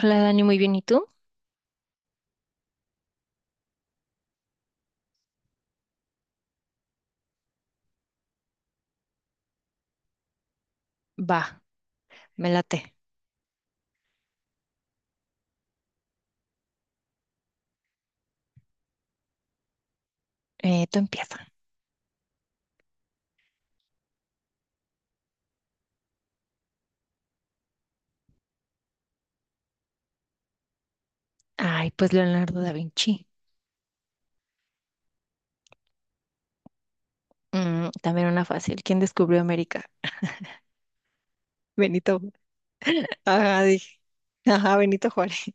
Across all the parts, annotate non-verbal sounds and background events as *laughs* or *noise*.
Hola Dani, muy bien. ¿Y tú? Va, me late. Tú empieza. Ay, pues Leonardo da Vinci. También una fácil. ¿Quién descubrió América? Benito. Ajá, dije. Ajá, Benito Juárez.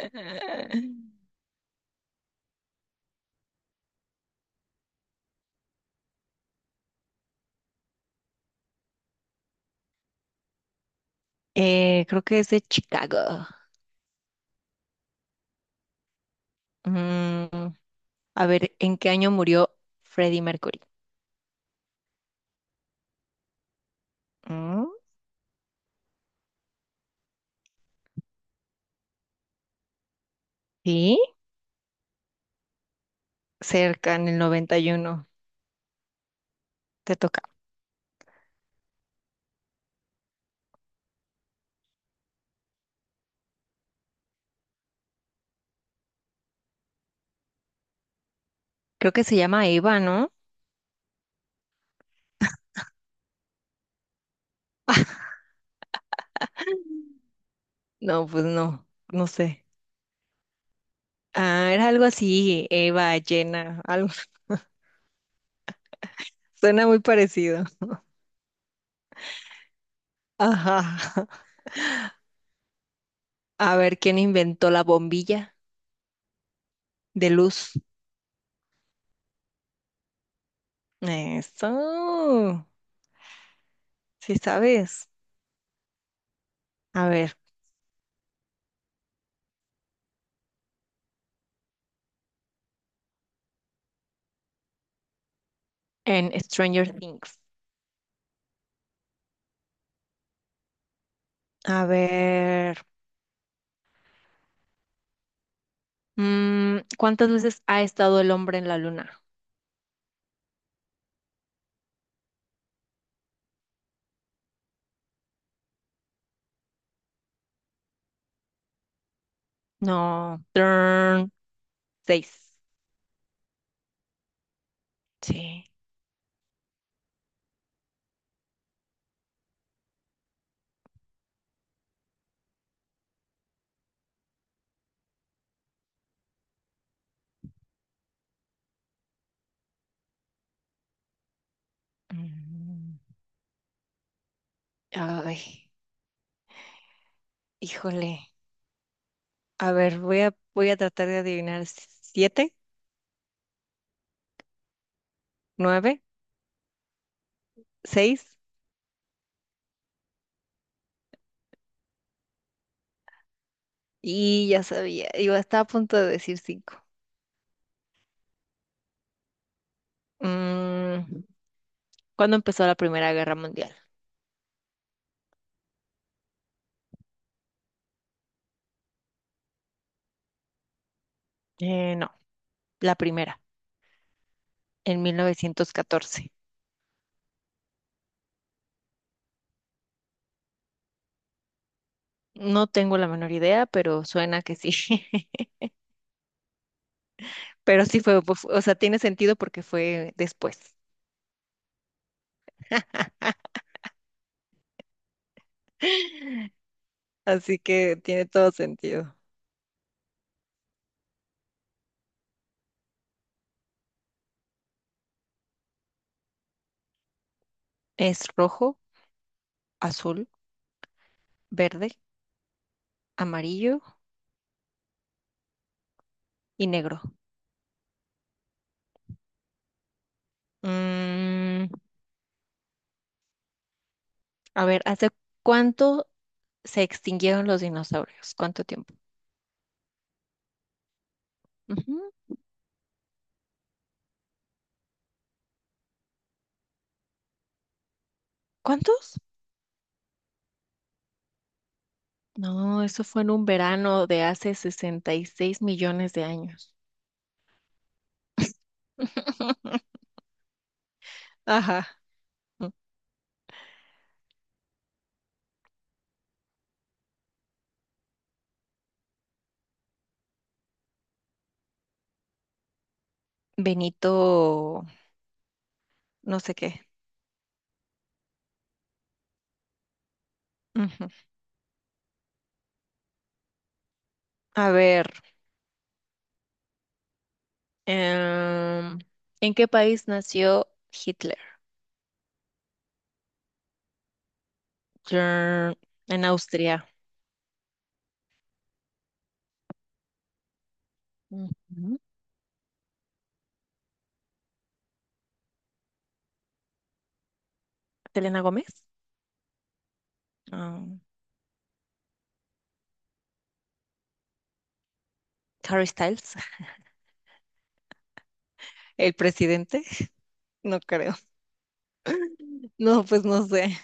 *laughs* Creo que es de Chicago. Mm, a ver, ¿en qué año murió Freddie Mercury? Mm, sí, cerca, en el 91. Te toca. Creo que se llama Eva, ¿no? No, pues no, no sé. Ah, era algo así, Eva, llena. Suena muy parecido. Ajá. *laughs* A ver, ¿quién inventó la bombilla de luz? Eso. Sí sabes. A ver, en Stranger Things. A ver. ¿Cuántas veces ha estado el hombre en la luna? No. Turn. Seis. Sí. Mm, ay, híjole. A ver, voy a tratar de adivinar. ¿Siete? ¿Nueve? ¿Seis? Y ya sabía. Estaba a punto de decir cinco. Mm, ¿Cuándo empezó la Primera Guerra Mundial? No, la primera, en 1914. No tengo la menor idea, pero suena que sí. *laughs* Pero sí fue, pues, o sea, tiene sentido porque fue después. Así que tiene todo sentido. Es rojo, azul, verde, amarillo y negro. Mm, a ver, ¿hace cuánto se extinguieron los dinosaurios? ¿Cuánto tiempo? Ujú. ¿Cuántos? No, eso fue en un verano de hace 66 millones de años. *laughs* Ajá. Mm, Benito, no sé qué. Ujú. A ver, em, ¿en qué país nació Hitler? Trrr, en Austria. Ujú. ¿Selena Gómez? Um, ¿Harry Styles? *laughs* ¿El presidente? *laughs* No creo. No, pues no sé.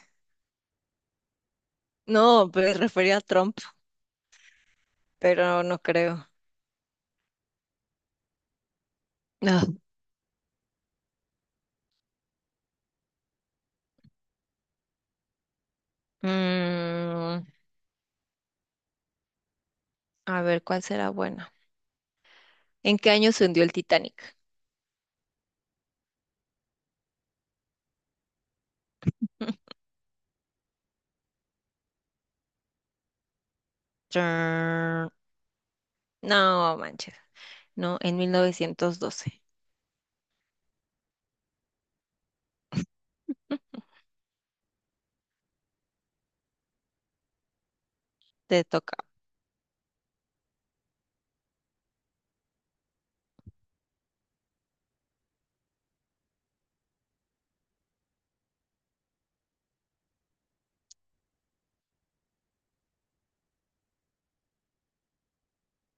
No, me refería a Trump, pero no creo. No. A ver, ¿cuál será buena? ¿En qué año se hundió el Titanic? Trrr, no, manches. No, en 1912. *laughs* Te toca.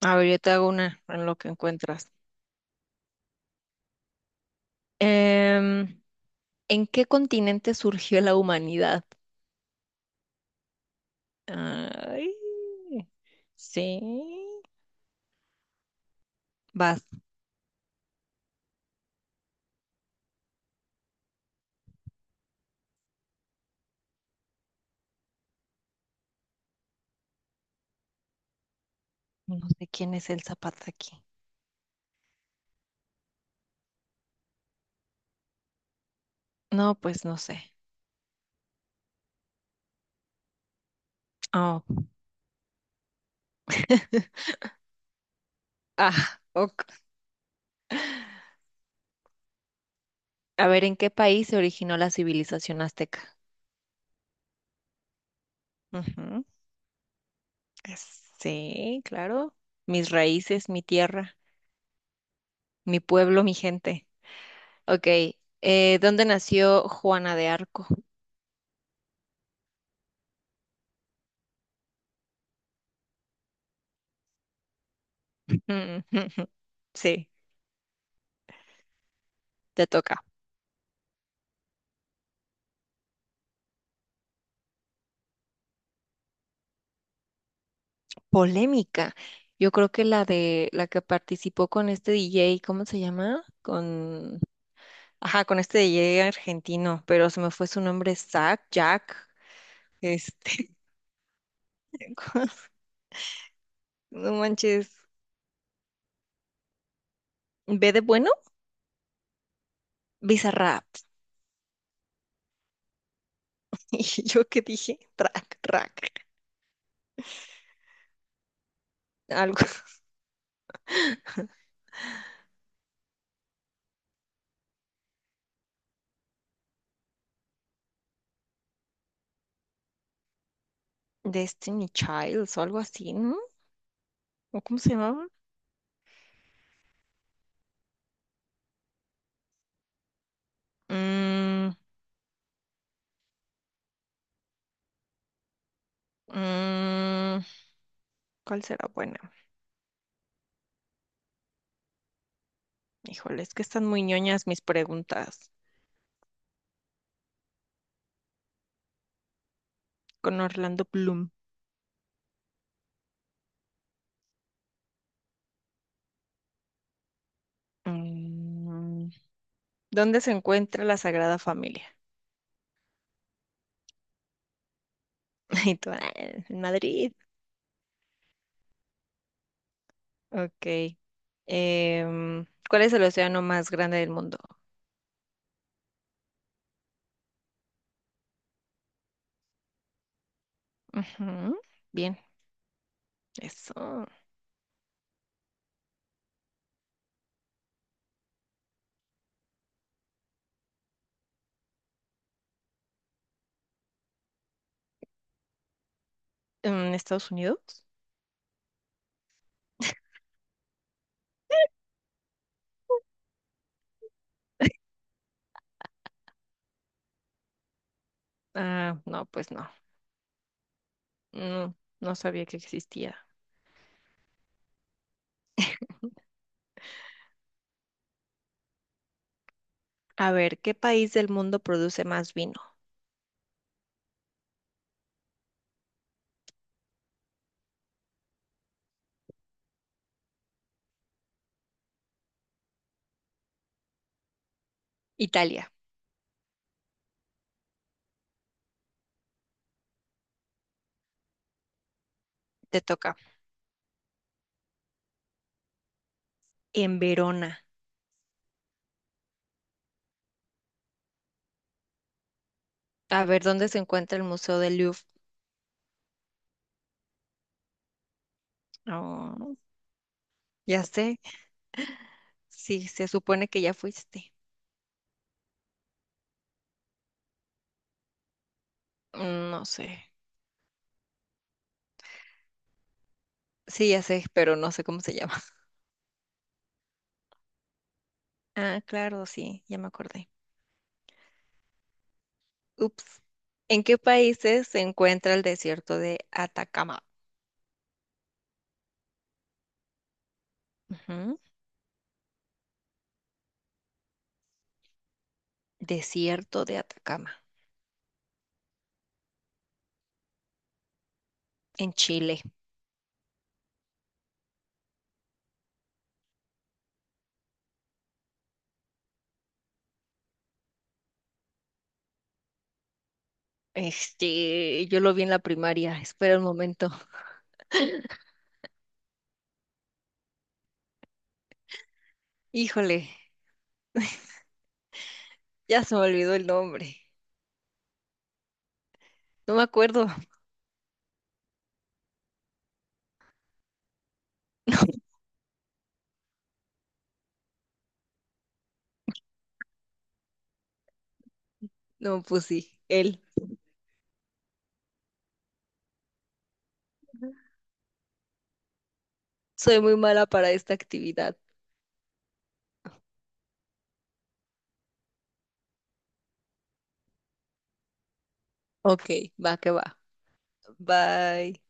A ver, yo te hago una en lo que encuentras. Em, ¿En qué continente surgió la humanidad? Ay, sí. Vas. No sé quién es el zapato aquí. No, pues no sé. Oh. *laughs* Ah, ok. A ver, ¿en qué país se originó la civilización azteca? Ujú. Sí, claro. Mis raíces, mi tierra, mi pueblo, mi gente. Ok, ¿dónde nació Juana de Arco? *laughs* Sí, te toca. Polémica. Yo creo que la de la que participó con este DJ, ¿cómo se llama? Con, ajá, con este DJ argentino, pero se me fue su nombre, Zach, Jack, este, *laughs* ¿cómo se- no manches, ¿B de bueno? Bizarrap. *laughs* Y yo qué dije, track, track, algo. Destiny Childs o algo así, ¿no? ¿O cómo se llamaba? Mm, mm, ¿Cuál será buena? Híjole, es que están muy ñoñas mis preguntas. Con Orlando Bloom. Mm, ¿Dónde se encuentra la Sagrada Familia? *laughs* Y tú, "Ah, en Madrid". Ok. ¿Cuál es el océano más grande del mundo? Ujú, bien, eso. ¿En Estados Unidos? Ah, no, pues no. No, no sabía que existía. A ver, ¿qué país del mundo produce más vino? Italia, te toca. En Verona. A ver, ¿dónde se encuentra el Museo del Louvre? Oh, ya sé. Sí, se supone que ya fuiste. Mm, no sé. Sí, ya sé, pero no sé cómo se llama. *laughs* Ah, claro, sí, ya me acordé. Ups. ¿En qué países se encuentra el desierto de Atacama? Ujú. Desierto de Atacama, en Chile. Este, yo lo vi en la primaria. Espera un momento. Híjole, ya se me olvidó el nombre. No me acuerdo. No, pues sí, él. Soy muy mala para esta actividad. Ok, va que va. Bye.